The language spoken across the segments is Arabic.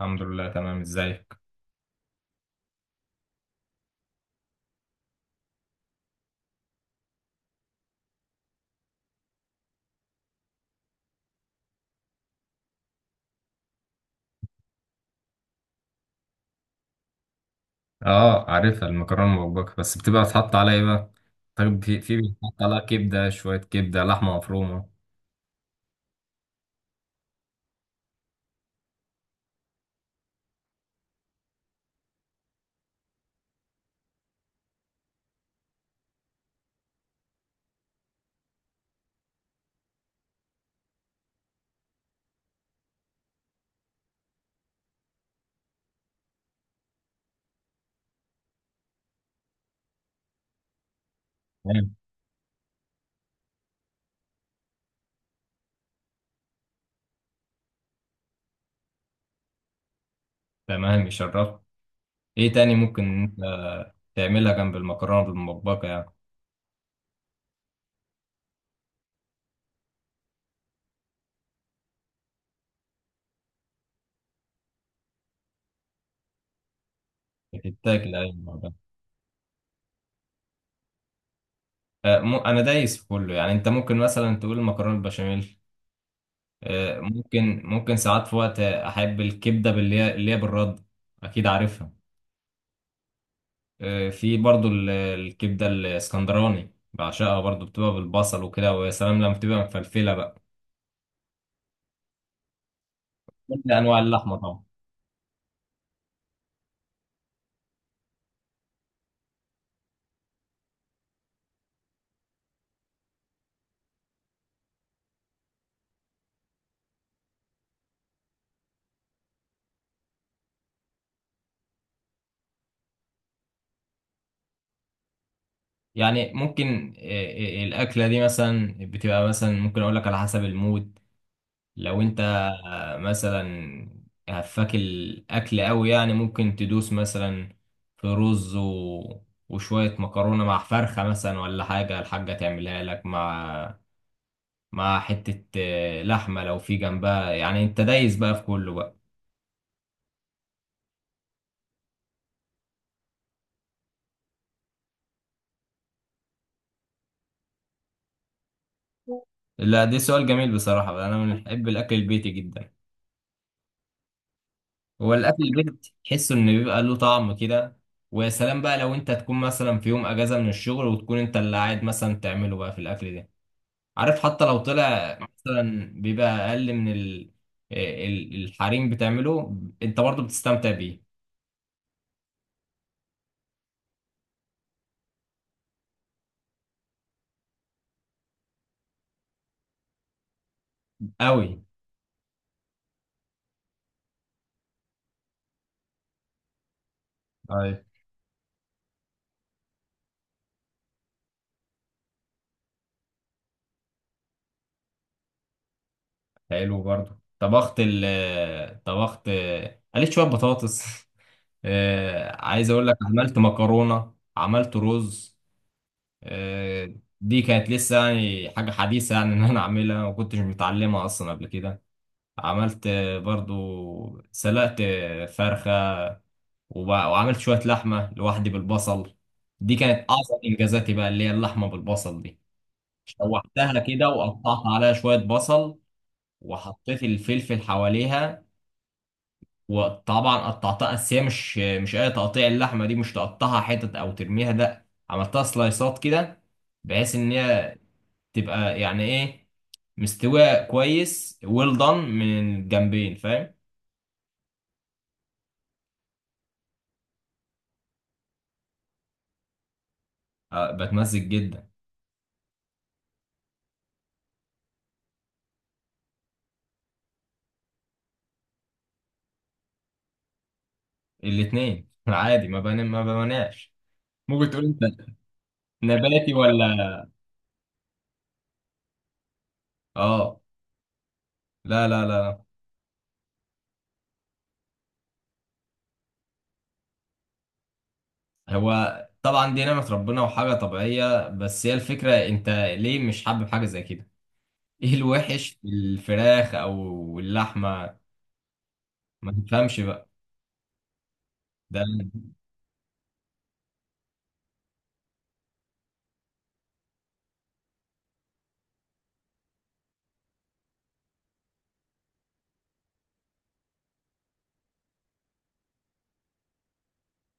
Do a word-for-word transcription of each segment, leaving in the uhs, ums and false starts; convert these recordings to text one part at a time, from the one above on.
الحمد لله، تمام. ازيك؟ اه، عارفها المكرونه المبكبكه، بس بتبقى بتحط عليها ايه بقى؟ طيب، في في بيتحط عليها كبده، شويه كبده، لحمه مفرومه. تمام. تمام يشرف. ايه تاني ممكن انت تعملها جنب المكرونه بالمبكبكه يعني؟ بتتاكل اي مرة؟ آه م- انا دايس في كله، يعني انت ممكن مثلا تقول مكرونه البشاميل. آه، ممكن ممكن ساعات في وقت احب الكبده، باللي هي اللي هي بالرد، اكيد عارفها. آه، في برضو ال- الكبدة الاسكندراني، بعشقها برضو، بتبقى بالبصل وكده، ويا سلام لما بتبقى مفلفلة بقى. كل أنواع اللحمة طبعا. يعني ممكن، آه، آه، الأكلة دي مثلا بتبقى، مثلا ممكن أقول لك على حسب المود. لو أنت آه، مثلا هفاك الأكل أوي، يعني ممكن تدوس مثلا في رز و... وشوية مكرونة مع فرخة مثلا، ولا حاجة الحاجة تعملها لك، مع مع حتة آه، لحمة لو في جنبها، يعني أنت دايس بقى في كله بقى. لا، ده سؤال جميل بصراحة. أنا من بحب الأكل البيتي جدا. هو الأكل البيتي تحسه إن بيبقى له طعم كده، ويا سلام بقى لو أنت تكون مثلا في يوم أجازة من الشغل، وتكون أنت اللي قاعد مثلا تعمله بقى في الأكل ده. عارف، حتى لو طلع مثلا بيبقى أقل من ال... آه، ال- الحريم بتعمله، أنت برضه بتستمتع بيه. أوي. طيب. حلو برضه. طبخت ال طبخت، قليت شوية بطاطس آه، عايز أقول لك، عملت مكرونة، عملت رز، آه، دي كانت لسه يعني حاجة حديثة يعني إن أنا أعملها، ما كنتش متعلمها أصلا قبل كده. عملت آه، برضو، سلقت آه، فرخة، وب- وعملت شوية لحمة لوحدي بالبصل. دي كانت أعظم إنجازاتي بقى، اللي هي اللحمة بالبصل دي. شوحتها كده، وقطعت عليها شوية بصل، وحطيت الفلفل حواليها. وطبعا قطعتها، بس هي مش مش أي تقطيع، اللحمة دي مش تقطعها حتت أو ترميها، لأ، عملتها سلايسات كده، بحيث ان هي تبقى يعني ايه، مستوية كويس ويل دان من الجنبين، فاهم؟ آه، بتمزج جدا. الاتنين عادي، ما بن... ما بمناش. ممكن تقول انت نباتي ولا؟ اه. لا، لا، لا، لا. هو طبعا دي نعمة ربنا وحاجة طبيعية، بس هي الفكرة، انت ليه مش حابب حاجة زي كده؟ ايه الوحش في الفراخ او اللحمة؟ ما تفهمش بقى. ده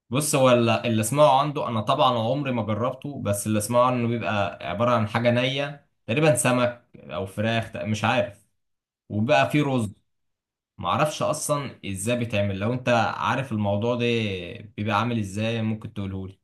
بص، هو ال- اللي اسمعه عنده، انا طبعا عمري ما جربته، بس اللي اسمعه انه بيبقى عبارة عن حاجة نية تقريبا، سمك او فراخ، تق- مش عارف. وبقى فيه رز. معرفش اصلا ازاي بيتعمل. لو انت عارف الموضوع ده بيبقى عامل ازاي، ممكن تقولهولي؟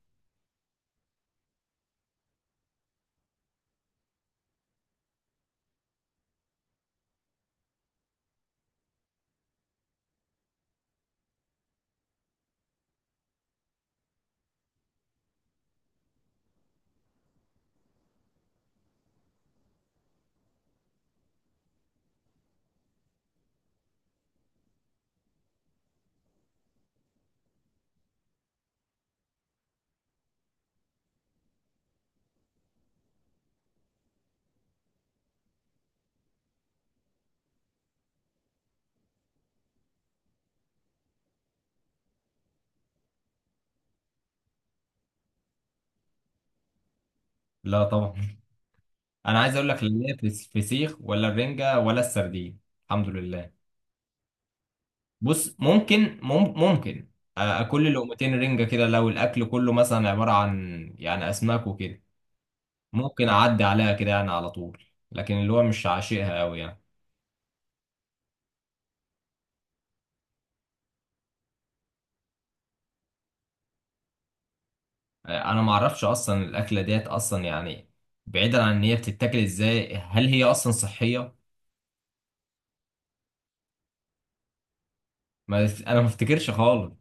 لا طبعا انا عايز اقول لك لا، ليا في الفسيخ ولا الرنجة ولا السردين. الحمد لله. بص ممكن، مم- ممكن آه، اكل لقمتين رنجة كده، لو الاكل كله مثلا عبارة عن يعني اسماك وكده، ممكن اعدي عليها كده يعني على طول. لكن اللي هو مش عاشقها قوي يعني. آه، انا ما اعرفش اصلا الاكله ديت اصلا يعني. بعيدا عن ان هي بتتاكل ازاي، هل هي اصلا صحيه؟ ما انا ما افتكرش خالص.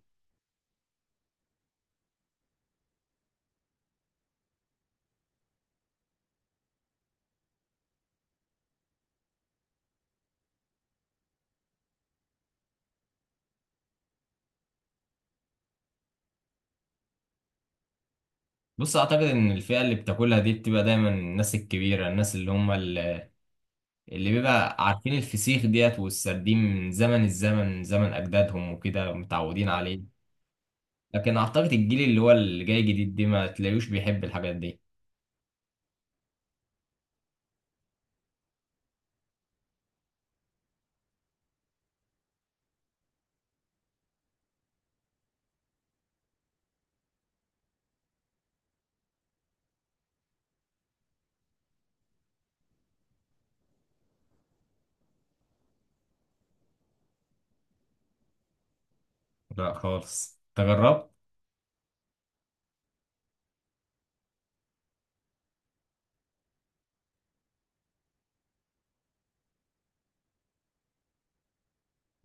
بص، اعتقد ان الفئه اللي بتاكلها دي بتبقى دايما الناس الكبيره، الناس اللي هم ال- اللي بيبقى عارفين الفسيخ ديت والسردين من زمن الزمن، من زمن اجدادهم وكده، متعودين عليه. لكن اعتقد الجيل اللي هو اللي جاي جديد دي ما تلاقيوش بيحب الحاجات دي. لا خالص، تجربت.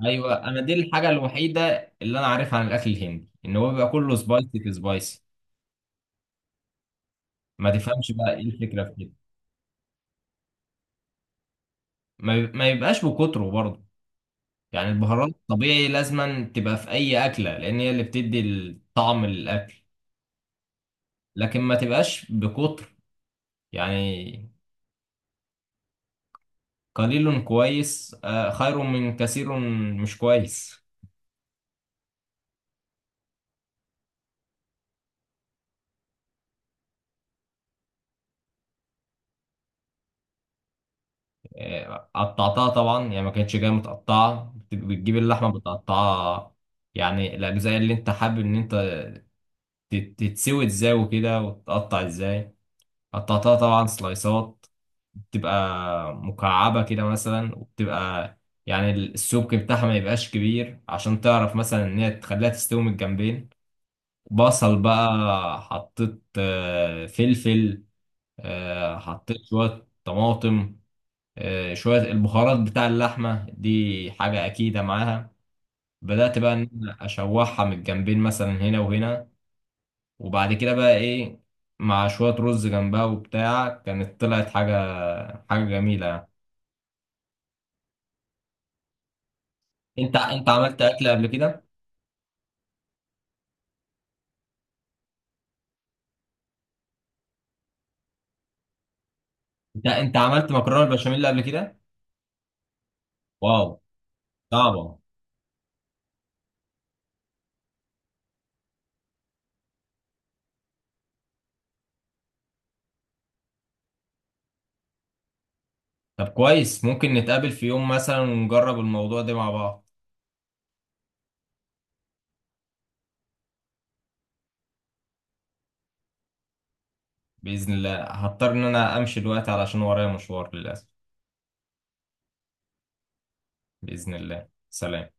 ايوه، انا دي الحاجه الوحيده اللي انا عارفها عن الاكل الهندي، ان هو بيبقى كله سبايسي في سبايسي. ما تفهمش بقى، ايه الفكره في كده؟ ما بي- ما يبقاش بكتره برضه. يعني البهارات طبيعي لازما تبقى في اي اكله، لان هي اللي بتدي الطعم للاكل. لكن ما تبقاش بكتر يعني، قليل كويس آه، خير من كثير مش كويس. آه، قطعتها طبعا، يعني ما كانتش جايه متقطعه، بت- بتجيب اللحمه بتقطعها. يعني الاجزاء اللي انت حابب ان انت تت- تتسوي ازاي وكده، وتقطع ازاي. قطعتها طبعا سلايسات، بتبقى مكعبة كده مثلا، وبتبقى يعني السمك بتاعها ما يبقاش كبير، عشان تعرف مثلا ان هي تخليها تستوي من الجنبين. بصل بقى، حطيت آه، فلفل، آه، حطيت شوية طماطم، آه، شوية البهارات بتاع اللحمة دي حاجة أكيدة معاها. بدأت بقى إن أنا أشوحها من الجنبين، مثلا هنا وهنا، وبعد كده بقى ايه، مع شوية رز جنبها وبتاع، كانت طلعت حاجة، حاجة جميلة يعني. انت انت عملت اكل قبل كده؟ انت انت عملت مكرونة بالبشاميل قبل كده؟ واو، صعبة. طب كويس، ممكن نتقابل في يوم مثلا ونجرب الموضوع ده مع بعض. بإذن الله هضطر ان انا امشي دلوقتي علشان ورايا مشوار للأسف. بإذن الله. سلام.